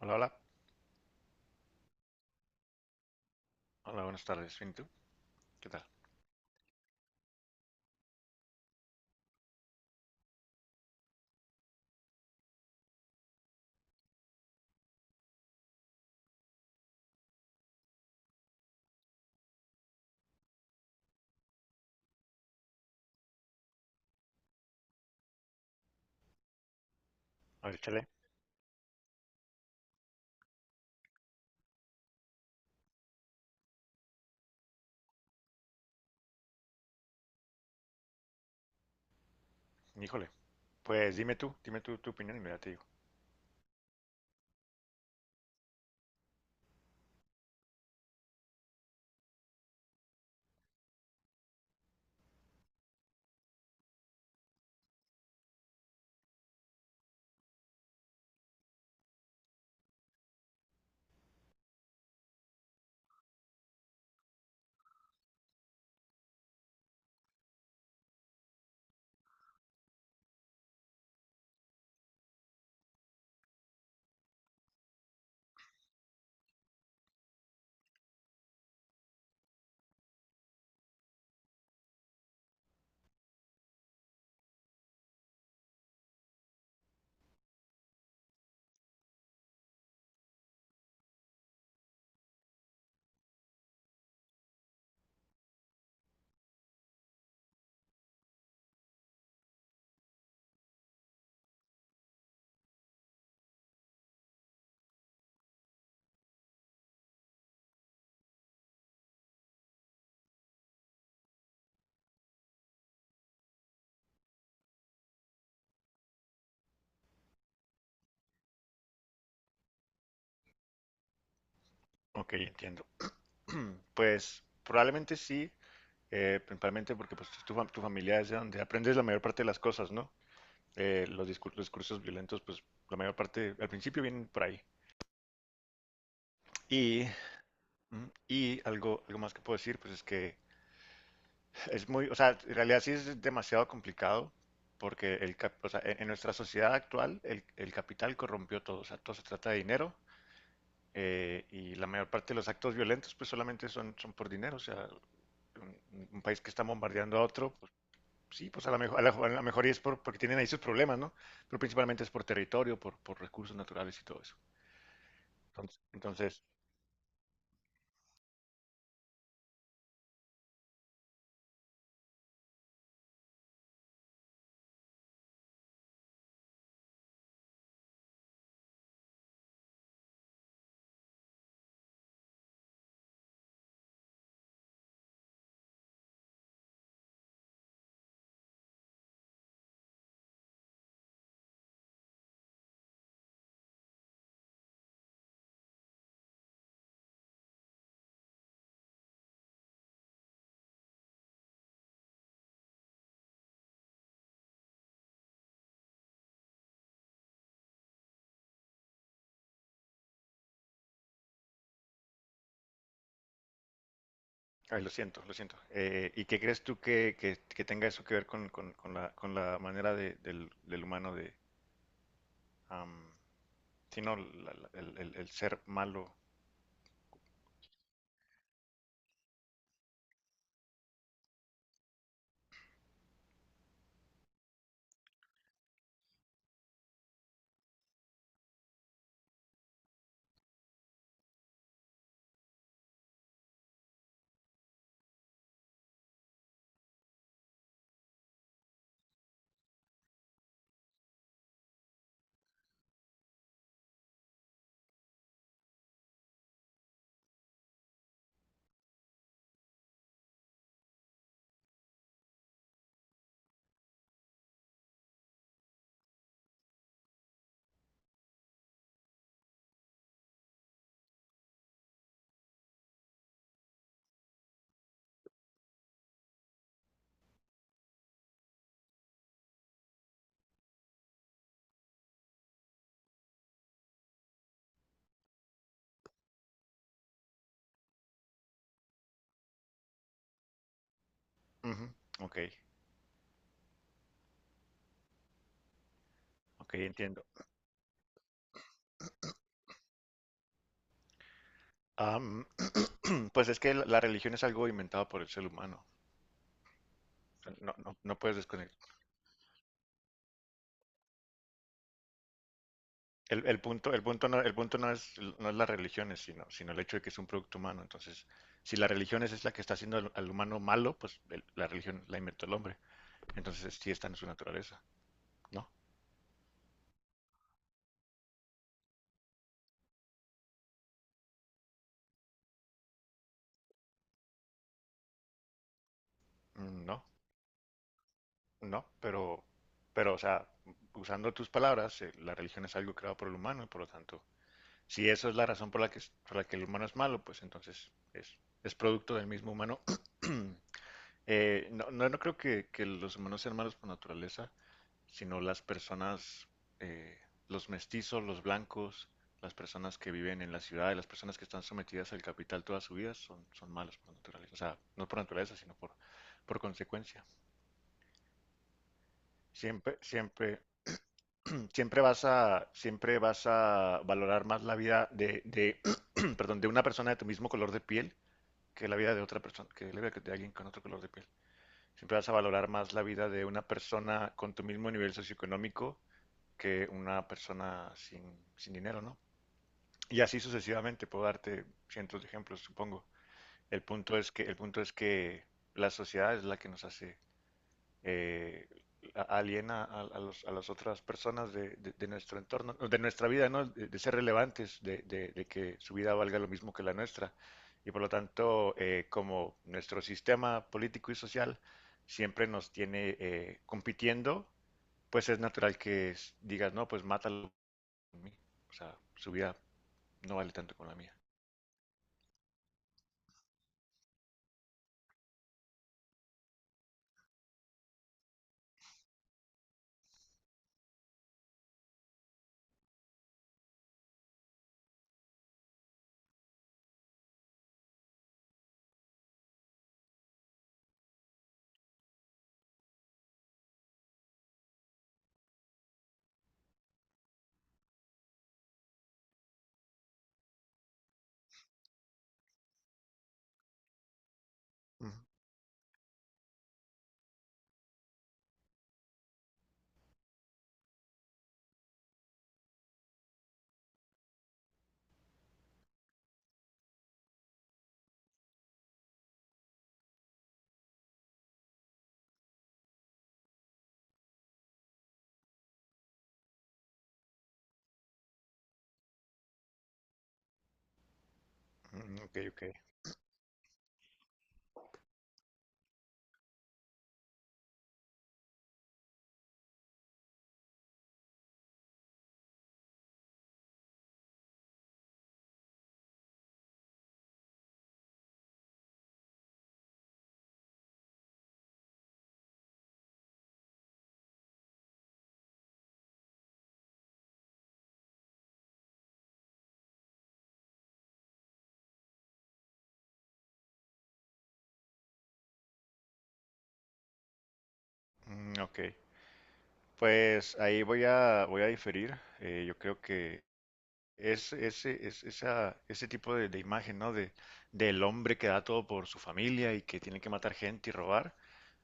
Hola, hola. Hola, buenas tardes. Bien, ¿tú? ¿Qué tal? A ver, chale. Híjole. Pues dime tú tu opinión y mira te digo. Ok, entiendo. Pues probablemente sí, principalmente porque pues tu familia es de donde aprendes la mayor parte de las cosas, ¿no? Los discursos violentos, pues la mayor parte al principio vienen por ahí. Y, y algo más que puedo decir, pues es que es muy, o sea, en realidad sí es demasiado complicado porque o sea, en nuestra sociedad actual el capital corrompió todo, o sea, todo se trata de dinero y la mayor parte de los actos violentos pues solamente son, son por dinero, o sea, un país que está bombardeando a otro, pues sí, pues a lo mejor, a la mejor es por, porque tienen ahí sus problemas, ¿no? Pero principalmente es por territorio, por recursos naturales y todo eso. Entonces, entonces, ay, lo siento, lo siento. ¿Y qué crees tú que, que tenga eso que ver con, con la manera del humano de, am, sí, no, ¿el ser malo? Ujú. Ok, ok, entiendo. Am, pues es que la religión es algo inventado por el ser humano. O sea, no, no, no puedes desconectar. El punto, el punto no es, no es las religiones, sino, sino el hecho de que es un producto humano. Entonces, si la religión es la que está haciendo al humano malo, pues la religión la inventó el hombre. Entonces, sí está en su naturaleza. No, no, no, pero, o sea, usando tus palabras, la religión es algo creado por el humano y por lo tanto si eso es la razón por la que el humano es malo, pues entonces es producto del mismo humano. No, no, no creo que los humanos sean malos por naturaleza, sino las personas, eh, los mestizos, los blancos, las personas que viven en la ciudad y las personas que están sometidas al capital toda su vida son, son malos por naturaleza. O sea, no por naturaleza, sino por consecuencia. Siempre, siempre, siempre vas a valorar más la vida de, perdón, de una persona de tu mismo color de piel que la vida de otra persona, que la vida de alguien con otro color de piel. Siempre vas a valorar más la vida de una persona con tu mismo nivel socioeconómico que una persona sin, sin dinero, ¿no? Y así sucesivamente, puedo darte cientos de ejemplos, supongo. El punto es que la sociedad es la que nos hace eh, aliena a, a las otras personas de, de nuestro entorno, de nuestra vida, ¿no? De ser relevantes, de, de que su vida valga lo mismo que la nuestra. Y por lo tanto, como nuestro sistema político y social siempre nos tiene compitiendo, pues es natural que digas, no, pues "mátalo por mí". O sea, su vida no vale tanto como la mía. Ujú. Mm. Ok, ok. Mm, ok, pues ahí voy a, voy a diferir. Yo creo que es, ese, es, esa, ese tipo de imagen, ¿no? De, del hombre que da todo por su familia y que tiene que matar gente y robar,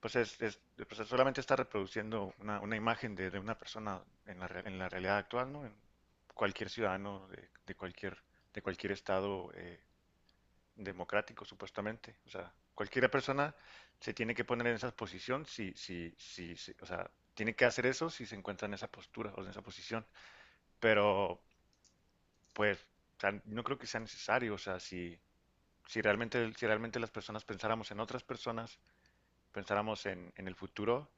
pues pues es, solamente está reproduciendo una imagen de una persona en la, en la realidad actual, ¿no? En cualquier ciudadano de cualquier estado democrático, supuestamente. O sea, cualquier persona se tiene que poner en esa posición si, si, si, o sea, tiene que hacer eso si se encuentra en esa postura o en esa posición. Pero, pues, o sea, no creo que sea necesario. O sea, si, si realmente, si realmente las personas pensáramos en otras personas, pensáramos en el futuro,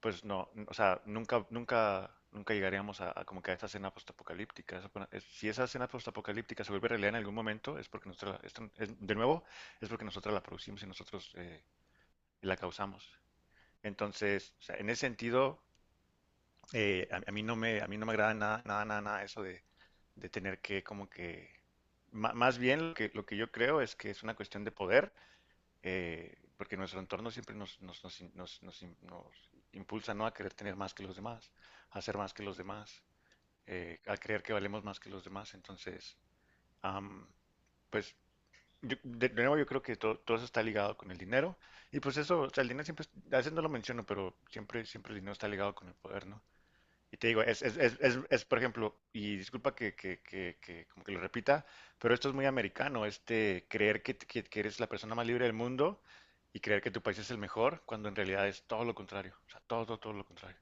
pues no, o sea, nunca, nunca, nunca llegaríamos a como que a esta escena postapocalíptica. Si esa escena postapocalíptica se vuelve realidad en algún momento, es porque nosotros, de nuevo, es porque nosotros la producimos y nosotros la causamos. Entonces, o sea, en ese sentido, a mí no me, a mí no me agrada nada, nada, nada, nada eso de tener que como que, más bien lo que yo creo es que es una cuestión de poder porque nuestro entorno siempre nos, nos, nos, nos impulsa ¿no? a querer tener más que los demás, a ser más que los demás, a creer que valemos más que los demás. Entonces, am, pues de nuevo yo creo que todo eso está ligado con el dinero. Y pues eso, o sea, el dinero siempre, a veces no lo menciono, pero siempre, siempre el dinero está ligado con el poder, ¿no? Y te digo, por ejemplo, y disculpa que como que lo repita, pero esto es muy americano, este creer que eres la persona más libre del mundo y creer que tu país es el mejor, cuando en realidad es todo lo contrario. O sea, todo, todo, todo lo contrario.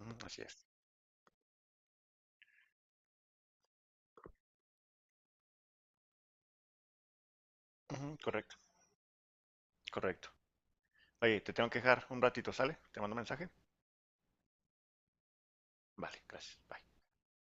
Ujú, así es. Ujú, correcto, correcto. Oye, te tengo que dejar un ratito, ¿sale? Te mando un mensaje. Vale, gracias. Bye.